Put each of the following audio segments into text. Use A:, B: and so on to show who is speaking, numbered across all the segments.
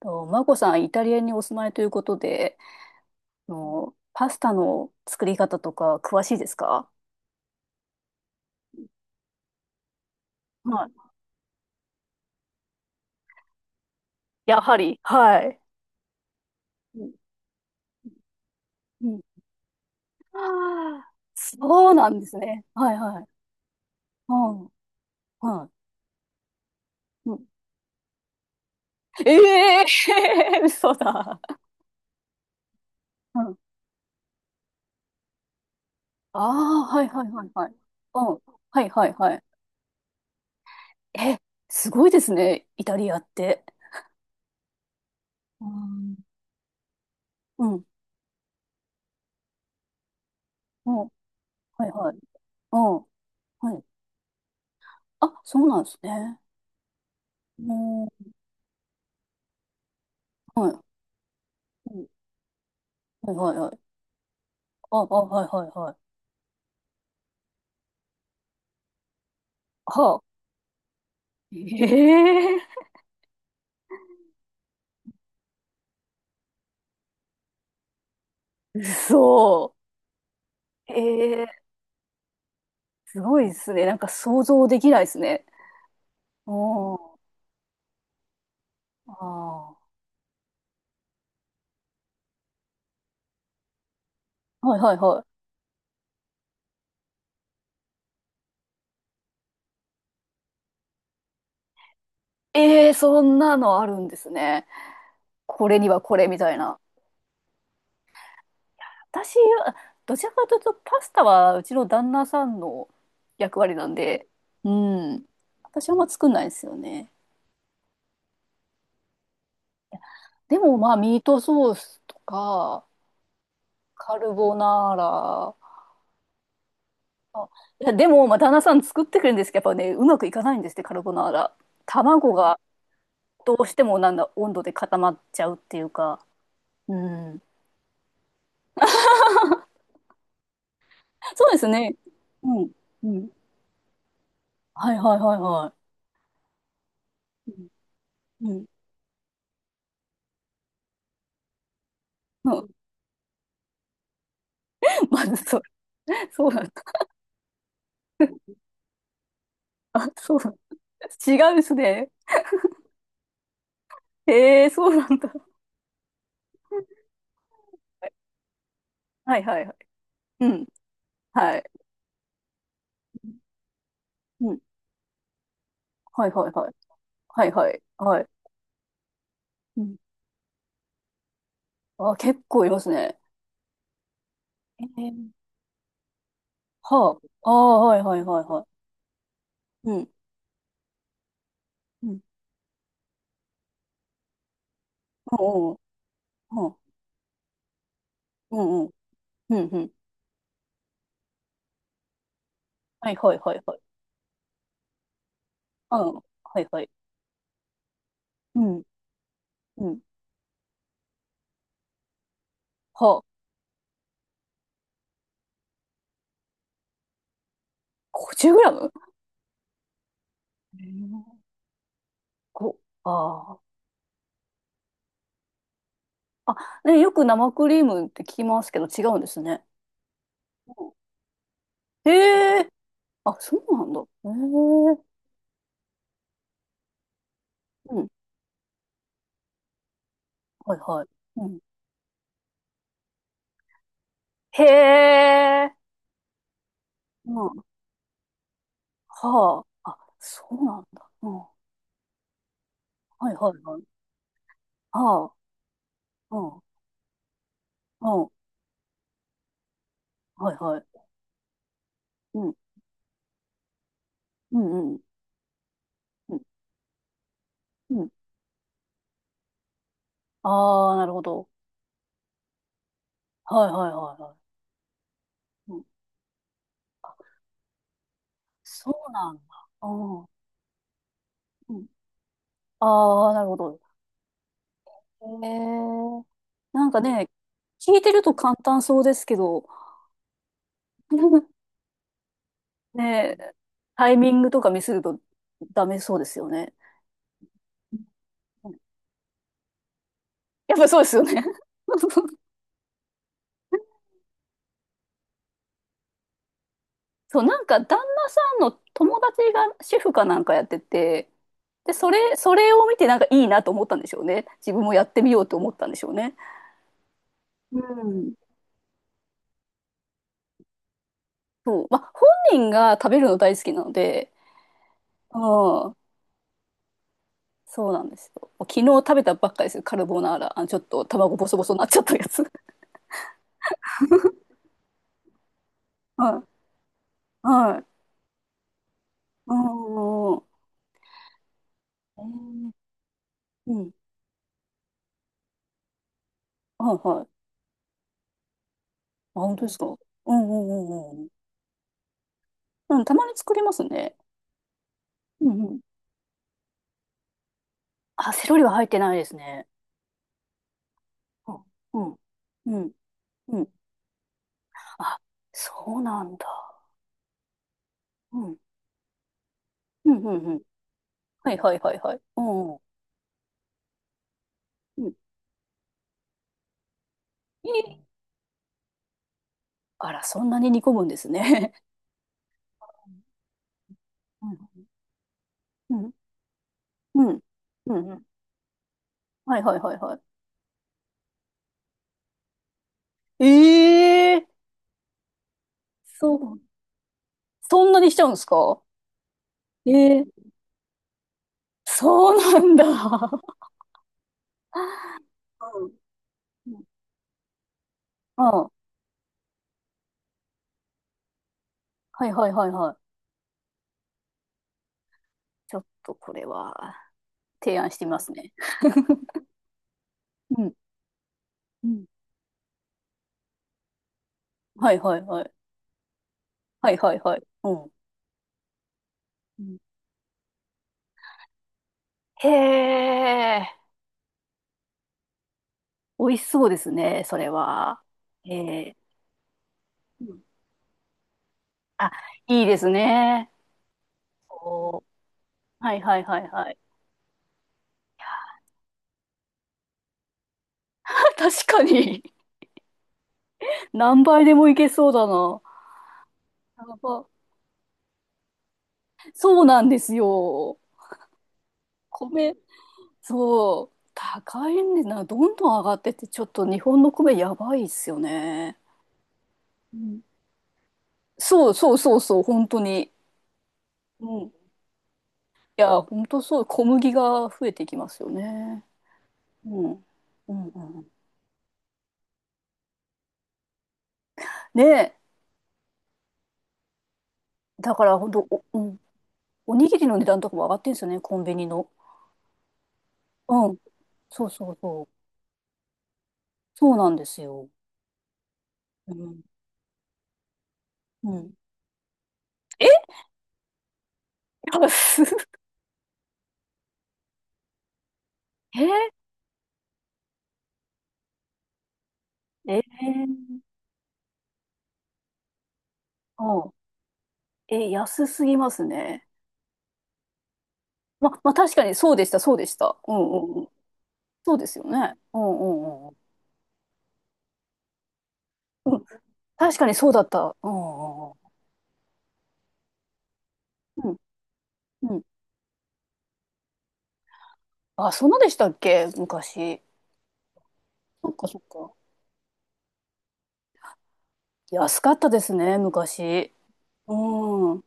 A: と、マコさん、イタリアにお住まいということで、パスタの作り方とか詳しいですか？はい。やはり、はい。うん。うん。ああ、そうなんですね。はいはい。うん。はい。うん。ええー、嘘だ。うん。ああ、はいはいはいはい。うん。はいはいはい。え、すごいですね、イタリアって。うん。うん。うん。はいはい。うん。はい。あ、そうなんですね。うん。はい。うん。はいはいはい。あ、あ、はいはいはい。はあ。ええー、嘘。ええー、すごいですね。なんか想像できないですね。おー、あー。はいはいはい。ええー、そんなのあるんですね。これにはこれみたいな。私、どちらかというとパスタはうちの旦那さんの役割なんで、うん。私はあんま作んないですよね。でもまあミートソースとか、カルボナーラ。いや、でも、まあ、旦那さん作ってくれるんですけど、やっぱね、うまくいかないんですって、カルボナーラ。卵がどうしてもなんだ、温度で固まっちゃうっていうか。うん。そうですね。うん。うん。はいはいはいはい。うん。うん。まず、それ、そうなんだ。あ、そうなんだ。違うんですね。へえ、そうなんだ。はいはいはい。うん。はい。うん。はいはいはい。はいはいはい。うん。あ、結構いますね。えーはあ。ああ、はいはいはいはい。うん。うん。おうおうおう。うんうん。うんうん。はいはいはいはい。うん。はいはい。うん。うん。はあ。50グラム。えーこ、ああ。あ、ね、よく生クリームって聞きますけど違うんですね。うん、へえ。あ、そうなんだ。へえ。うん。はいはい。うん。へえ。うん。はあ。あ、そうなんだ。うん。はいはいはい。はあ。うん。うん。はいはい。うん。うんうん。うん。うん、ああ、なるほど。はいはいはいはい。うん、そうなんだ。あー、うん、ああ、なるほど。へえ。なんかね、聞いてると簡単そうですけど、ねえ、タイミングとかミスるとダメそうですよね。うん、やっぱそうですよね。そう、なんか旦那さんの友達が主婦かなんかやってて、で、それを見てなんかいいなと思ったんでしょうね。自分もやってみようと思ったんでしょうね。うん。そう、まあ、本人が食べるの大好きなので、うん、そうなんですよ。昨日食べたばっかりですよ、カルボナーラ。あ、ちょっと卵ボソボソになっちゃったやつ。はい。はい。うん、うん。うん。はいはい。あ、本当ですか？うんうんうんうん。うん、たまに作りますね。うんうん。あ、セロリは入ってないですね。うん。うん。うん。あ、そうなんだ。うん。うんうんうん。はいはいはいはい。うんうん。うん。え、あら、そんなに煮込むんですね。うん。うん。うん。うん、はいはいはいはい。ええ、そう。そんなにしちゃうんですか？ええ、そうなんだ。うん。うん。ああ、はいはいはいはい。ちょっとこれは提案してみますね。うん。うん。はいはいはい。はいはいはい。うん。うん、へえ、美味しそうですね、それは。ええ、うん、あ、いいですね。おー、はいはいはいはい。確かに。何倍でもいけそうだな。やば、そうなんですよ。米、そう、高いんでな、どんどん上がってて、ちょっと日本の米やばいっすよね。うん、そうそうそうそう、本当に。うん。いや、本当そう、小麦が増えていきますよね。うん。うんうん。ねえ、だから本当、うん、おにぎりの値段とかも上がってんですよね、コンビニの。うん。そうそうそう。そうなんですよ。うん。うん。え、安っ。えー、ええ、うん。え、安すぎますね。まあ、確かにそうでした、そうでした。うんうんうん。そうですよね。うんうんうんうん。うん、確かにそうだった。うんうんうん。うん。うん、あ、そんなでしたっけ、昔。そっかそっか。安かったですね、昔。うん。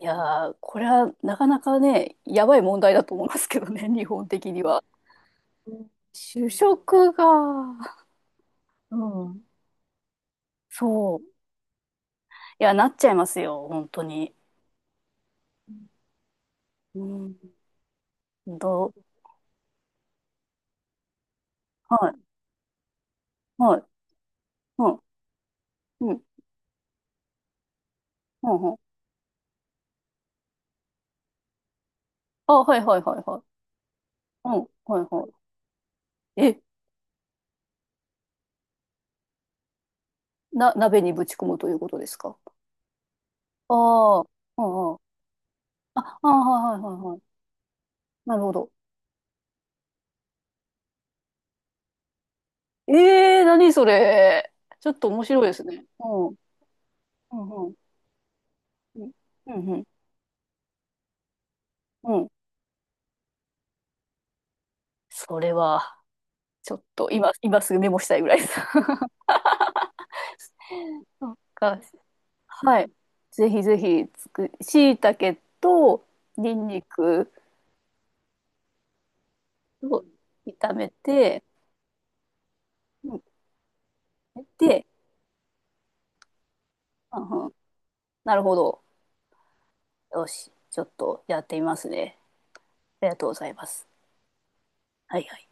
A: いやー、これはなかなかね、やばい問題だと思いますけどね、日本的には。うん、主食が、うん。そう。いや、なっちゃいますよ、本当に。うん。ど、はい、はい、うん、うん、うん、うん。あ、はい、はい、はい、はい。うん、はい、はい。え、鍋にぶち込むということですか？ああ、うん、うん。あ、あ、はい、はい、はい、はい。なるほど。ええー、何それ。ちょっと面白いですね。うん、うん、うん、うん、うん、うん。うん、それは、ちょっと今すぐメモしたいぐらいです。そっか、はい。ぜひぜひつく、しいたけと、にんにくを炒めて、うん、で、うんうん、なるほど。よし、ちょっとやってみますね。ありがとうございます。はいはい。